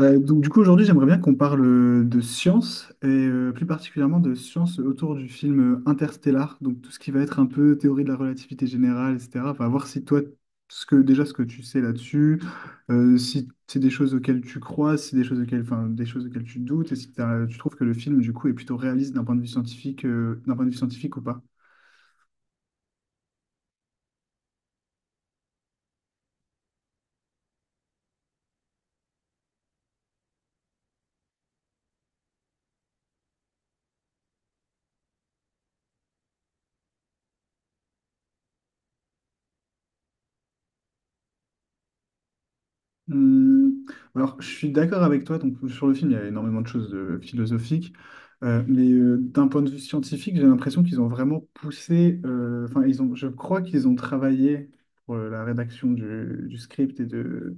Donc du coup aujourd'hui j'aimerais bien qu'on parle de science et plus particulièrement de science autour du film Interstellar, donc tout ce qui va être un peu théorie de la relativité générale, etc. Enfin voir si toi ce que tu sais là-dessus, si c'est des choses auxquelles tu crois, si c'est des choses auxquelles, enfin, des choses auxquelles tu doutes, et si tu trouves que le film du coup est plutôt réaliste d'un point de vue scientifique, ou pas. Hum, alors, je suis d'accord avec toi. Donc, sur le film, il y a énormément de choses philosophiques. Mais d'un point de vue scientifique, j'ai l'impression qu'ils ont vraiment poussé. Enfin, ils ont. Je crois qu'ils ont travaillé pour la rédaction du script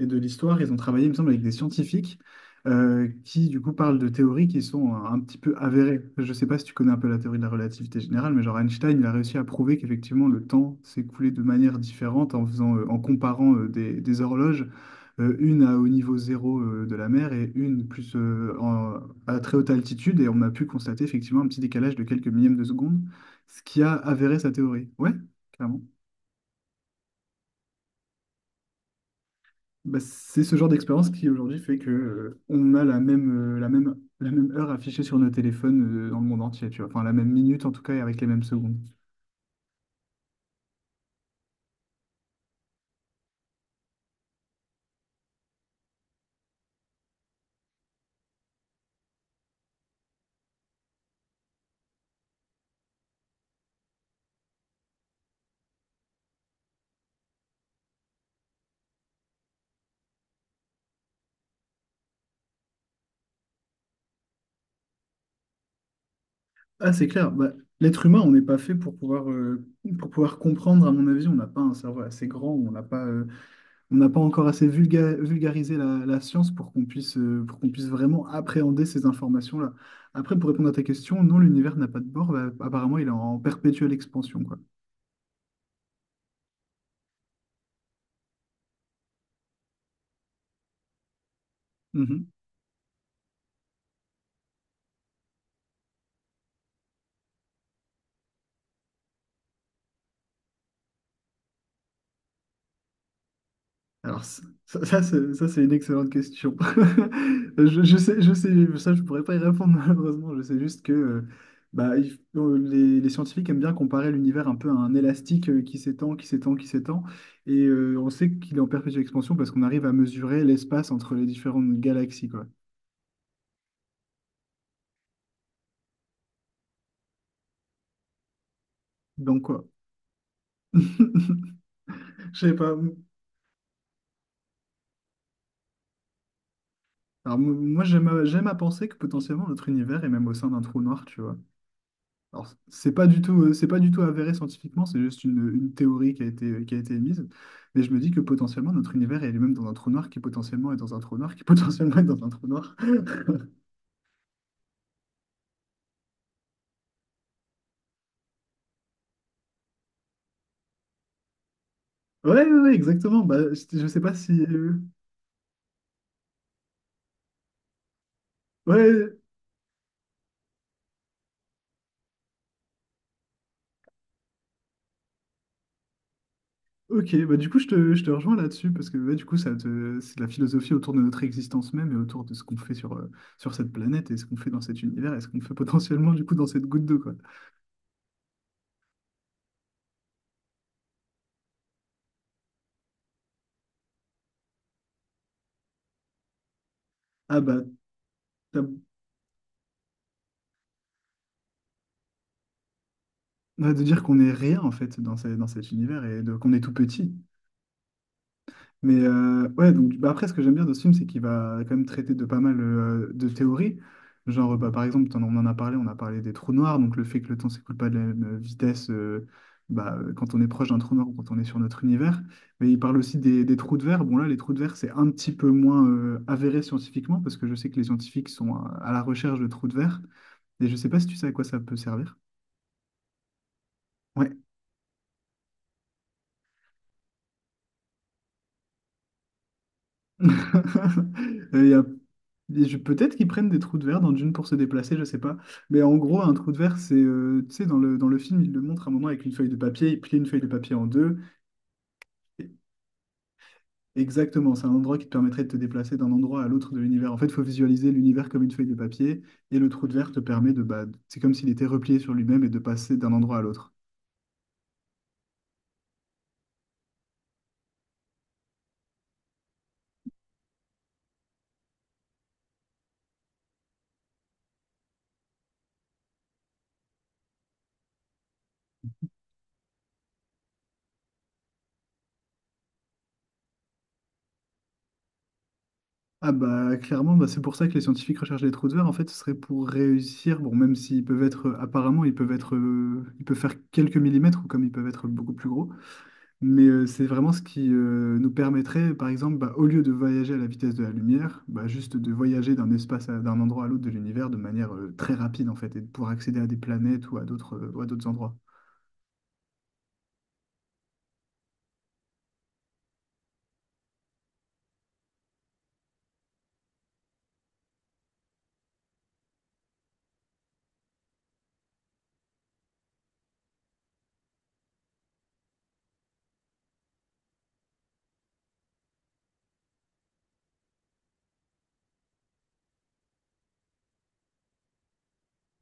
et de l'histoire. Ils ont travaillé, il me semble, avec des scientifiques qui, du coup, parlent de théories qui sont un petit peu avérées. Je sais pas si tu connais un peu la théorie de la relativité générale, mais genre Einstein, il a réussi à prouver qu'effectivement le temps s'écoulait de manière différente en comparant des horloges, une à au niveau zéro de la mer et une plus à très haute altitude. Et on a pu constater effectivement un petit décalage de quelques millièmes de seconde, ce qui a avéré sa théorie. Ouais, clairement. Bah, c'est ce genre d'expérience qui aujourd'hui fait que on a la même heure affichée sur nos téléphones dans le monde entier, tu vois. Enfin, la même minute en tout cas et avec les mêmes secondes. Ah, c'est clair. Bah, l'être humain, on n'est pas fait pour pouvoir comprendre, à mon avis, on n'a pas un cerveau assez grand, on n'a pas encore assez vulgarisé la science pour qu'on puisse vraiment appréhender ces informations-là. Après, pour répondre à ta question, non, l'univers n'a pas de bord. Bah, apparemment, il est en perpétuelle expansion, quoi. Mhm. Alors, c'est une excellente question. Je sais, ça, je pourrais pas y répondre, malheureusement. Je sais juste que bah, les scientifiques aiment bien comparer l'univers un peu à un élastique qui s'étend, qui s'étend, qui s'étend. Et on sait qu'il est en perpétuelle expansion parce qu'on arrive à mesurer l'espace entre les différentes galaxies, quoi. Donc quoi? Je sais pas. Alors moi j'aime à penser que potentiellement notre univers est même au sein d'un trou noir, tu vois. Alors c'est pas du tout avéré scientifiquement, c'est juste une théorie qui a été émise. Mais je me dis que potentiellement notre univers est lui-même dans un trou noir qui potentiellement est dans un trou noir qui potentiellement est dans un trou noir. Ouais, ouais, ouais, exactement. Bah, je sais pas si. Ouais, ok, bah du coup je te rejoins là-dessus parce que ouais, du coup c'est de la philosophie autour de notre existence même et autour de ce qu'on fait sur cette planète et ce qu'on fait dans cet univers et ce qu'on fait potentiellement du coup dans cette goutte d'eau quoi. Ah bah, t'as- ouais, de dire qu'on est rien en fait dans cet univers et qu'on est tout petit. Mais ouais, donc bah après, ce que j'aime bien dans ce film, c'est qu'il va quand même traiter de pas mal de théories. Genre, bah, par exemple, on en a parlé, on a parlé des trous noirs, donc le fait que le temps s'écoule pas de la même vitesse quand on est proche d'un trou noir ou quand on est sur notre univers. Mais il parle aussi des trous de verre. Bon, là, les trous de verre, c'est un petit peu moins avéré scientifiquement, parce que je sais que les scientifiques sont à la recherche de trous de verre. Et je sais pas si tu sais à quoi ça peut servir. Et Il y a- et je- Peut-être qu'ils prennent des trous de verre dans Dune pour se déplacer, je sais pas. Mais en gros, un trou de verre, c'est, tu sais, dans le film, il le montre à un moment avec une feuille de papier, il plie une feuille de papier en deux. Et- Exactement, c'est un endroit qui te permettrait de te déplacer d'un endroit à l'autre de l'univers. En fait, il faut visualiser l'univers comme une feuille de papier, et le trou de verre te permet de, bah, c'est comme s'il était replié sur lui-même et de passer d'un endroit à l'autre. Ah bah clairement, bah, c'est pour ça que les scientifiques recherchent les trous de verre. En fait, ce serait pour réussir, bon, même s'apparemment, ils peuvent faire quelques millimètres, ou comme ils peuvent être beaucoup plus gros, mais c'est vraiment ce qui nous permettrait, par exemple, bah, au lieu de voyager à la vitesse de la lumière, bah, juste de voyager d'un endroit à l'autre de l'univers de manière très rapide, en fait, et de pouvoir accéder à des planètes ou à d'autres endroits.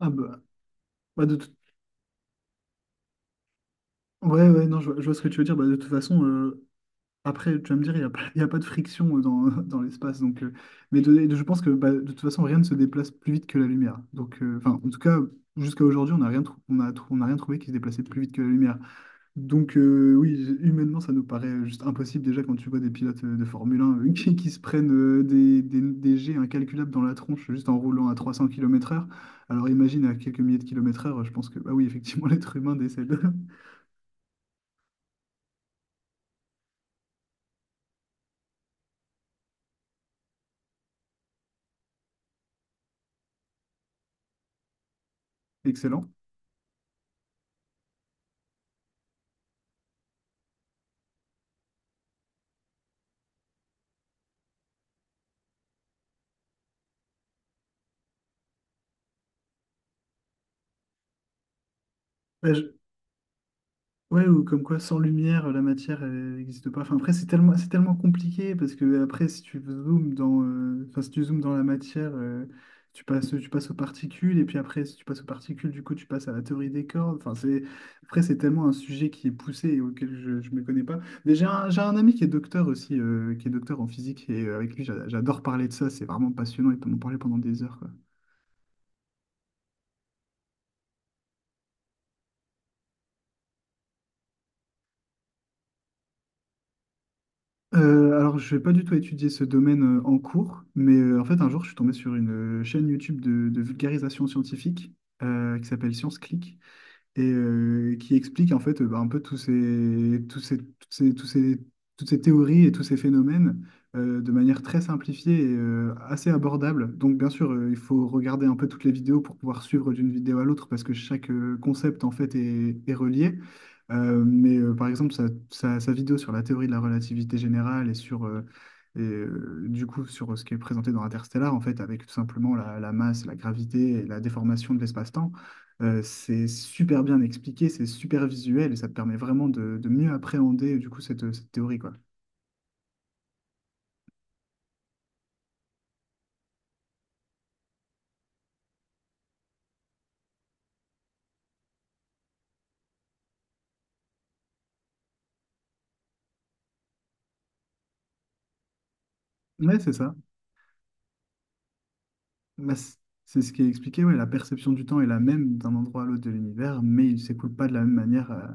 Ah bah, ouais, ouais, non, je vois ce que tu veux dire. Bah, de toute façon, après, tu vas me dire, il n'y a pas, il y a pas de friction dans, dans l'espace. Donc, je pense que bah, de toute façon, rien ne se déplace plus vite que la lumière. Donc, enfin, en tout cas, jusqu'à aujourd'hui, on n'a rien, trou- on a rien trouvé qui se déplaçait plus vite que la lumière. Donc, oui, humainement, ça nous paraît juste impossible. Déjà, quand tu vois des pilotes de Formule 1 qui se prennent des jets incalculables dans la tronche juste en roulant à 300 km/h. Alors, imagine à quelques milliers de kilomètres heure, je pense que, bah oui, effectivement, l'être humain décède. Excellent. Ouais, ou comme quoi sans lumière, la matière elle n'existe pas. Enfin, après, c'est tellement compliqué parce que après, si tu zoomes dans, enfin, si tu zoomes dans la matière, tu passes aux particules, et puis après, si tu passes aux particules, du coup, tu passes à la théorie des cordes. Enfin, après, c'est tellement un sujet qui est poussé et auquel je ne me connais pas. Mais j'ai un ami qui est docteur aussi, qui est docteur en physique, et avec lui, j'adore parler de ça. C'est vraiment passionnant, il peut m'en parler pendant des heures. Alors, je vais pas du tout étudier ce domaine en cours, mais en fait, un jour, je suis tombé sur une chaîne YouTube de vulgarisation scientifique qui s'appelle Science Click et qui explique en fait bah, un peu toutes ces théories et tous ces phénomènes de manière très simplifiée et assez abordable. Donc bien sûr, il faut regarder un peu toutes les vidéos pour pouvoir suivre d'une vidéo à l'autre parce que chaque concept en fait est relié. Mais par exemple, sa vidéo sur la théorie de la relativité générale et du coup, sur ce qui est présenté dans Interstellar, en fait, avec tout simplement la masse, la gravité et la déformation de l'espace-temps, c'est super bien expliqué, c'est super visuel et ça te permet vraiment de mieux appréhender du coup cette théorie quoi. Ouais, c'est ça. Bah, c'est ce qui est expliqué, ouais, la perception du temps est la même d'un endroit à l'autre de l'univers, mais il s'écoule pas de la même manière,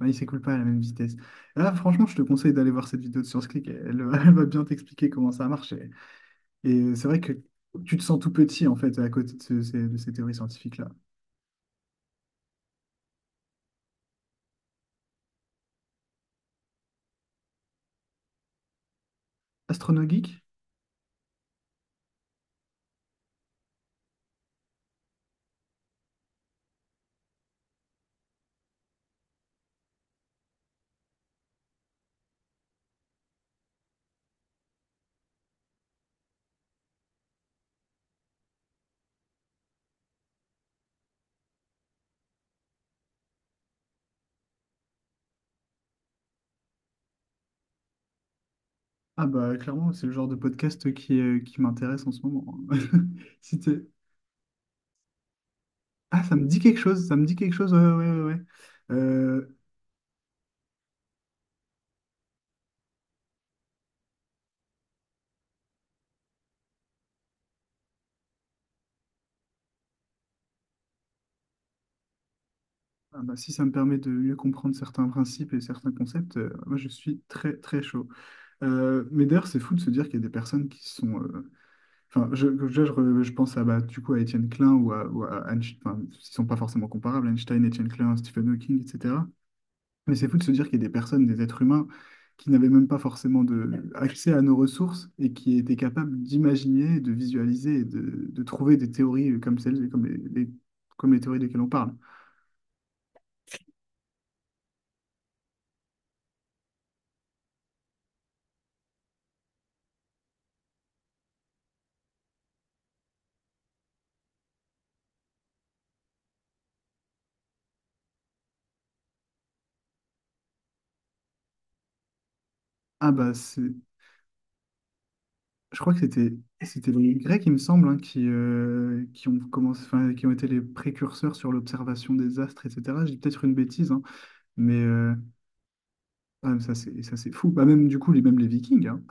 ouais, il s'écoule pas à la même vitesse. Et là, franchement, je te conseille d'aller voir cette vidéo de Science Click, elle va elle va bien t'expliquer comment ça marche. Et c'est vrai que tu te sens tout petit en fait à côté de ces théories scientifiques-là. Astronogeek? Ah bah clairement, c'est le genre de podcast qui m'intéresse en ce moment. Si t'es- Ah, ça me dit quelque chose, ça me dit quelque chose, ouais, ouais, ouais, ouais. Euh, ah bah, si ça me permet de mieux comprendre certains principes et certains concepts, moi je suis très très chaud. Mais d'ailleurs, c'est fou de se dire qu'il y a des personnes qui sont... Enfin, je pense à, bah, du coup, à Étienne Klein ou à Einstein, enfin, ils sont pas forcément comparables, Einstein, Étienne Klein, Stephen Hawking, etc. Mais c'est fou de se dire qu'il y a des personnes, des êtres humains, qui n'avaient même pas forcément accès à nos ressources et qui étaient capables d'imaginer, de visualiser et de trouver des théories comme celles, comme comme les théories desquelles on parle. Ah bah, je crois que c'était les Grecs, il me semble, hein, qui ont commencé, enfin, qui ont été les précurseurs sur l'observation des astres, etc. Je dis peut-être une bêtise, hein, mais euh, ah, ça c'est fou. Bah, même du coup, même les Vikings, hein.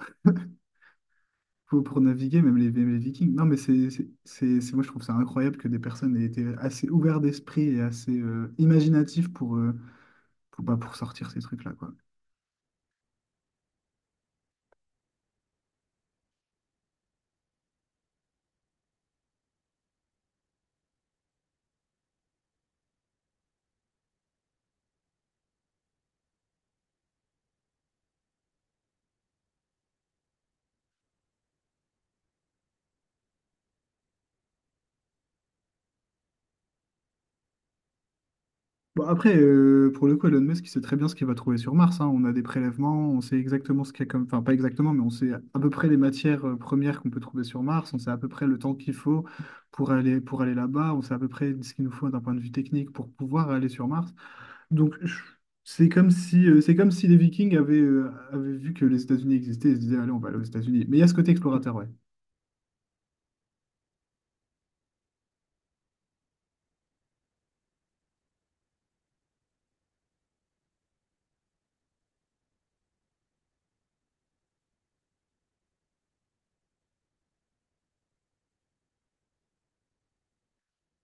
Pour naviguer, même les Vikings. Non, mais moi, je trouve ça incroyable que des personnes aient été assez ouvertes d'esprit et assez imaginatives pour, bah, pour sortir ces trucs-là, quoi. Bon, après, pour le coup, Elon Musk, il sait très bien ce qu'il va trouver sur Mars, hein. On a des prélèvements, on sait exactement ce qu'il y a comme... Enfin, pas exactement, mais on sait à peu près les matières premières qu'on peut trouver sur Mars, on sait à peu près le temps qu'il faut pour aller là-bas, on sait à peu près ce qu'il nous faut d'un point de vue technique pour pouvoir aller sur Mars. Donc, c'est comme si, les Vikings avaient, avaient vu que les États-Unis existaient et se disaient, allez, on va aller aux États-Unis. Mais il y a ce côté explorateur, ouais.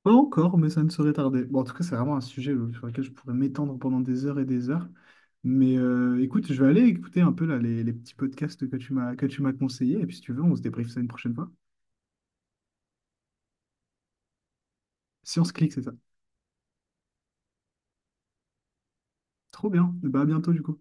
Pas encore, mais ça ne saurait tarder. Bon, en tout cas, c'est vraiment un sujet sur lequel je pourrais m'étendre pendant des heures et des heures. Mais écoute, je vais aller écouter un peu là, les petits podcasts que tu m'as conseillés. Et puis, si tu veux, on se débriefe ça une prochaine fois. Science on c'est ça. Trop bien. Bah, à bientôt, du coup.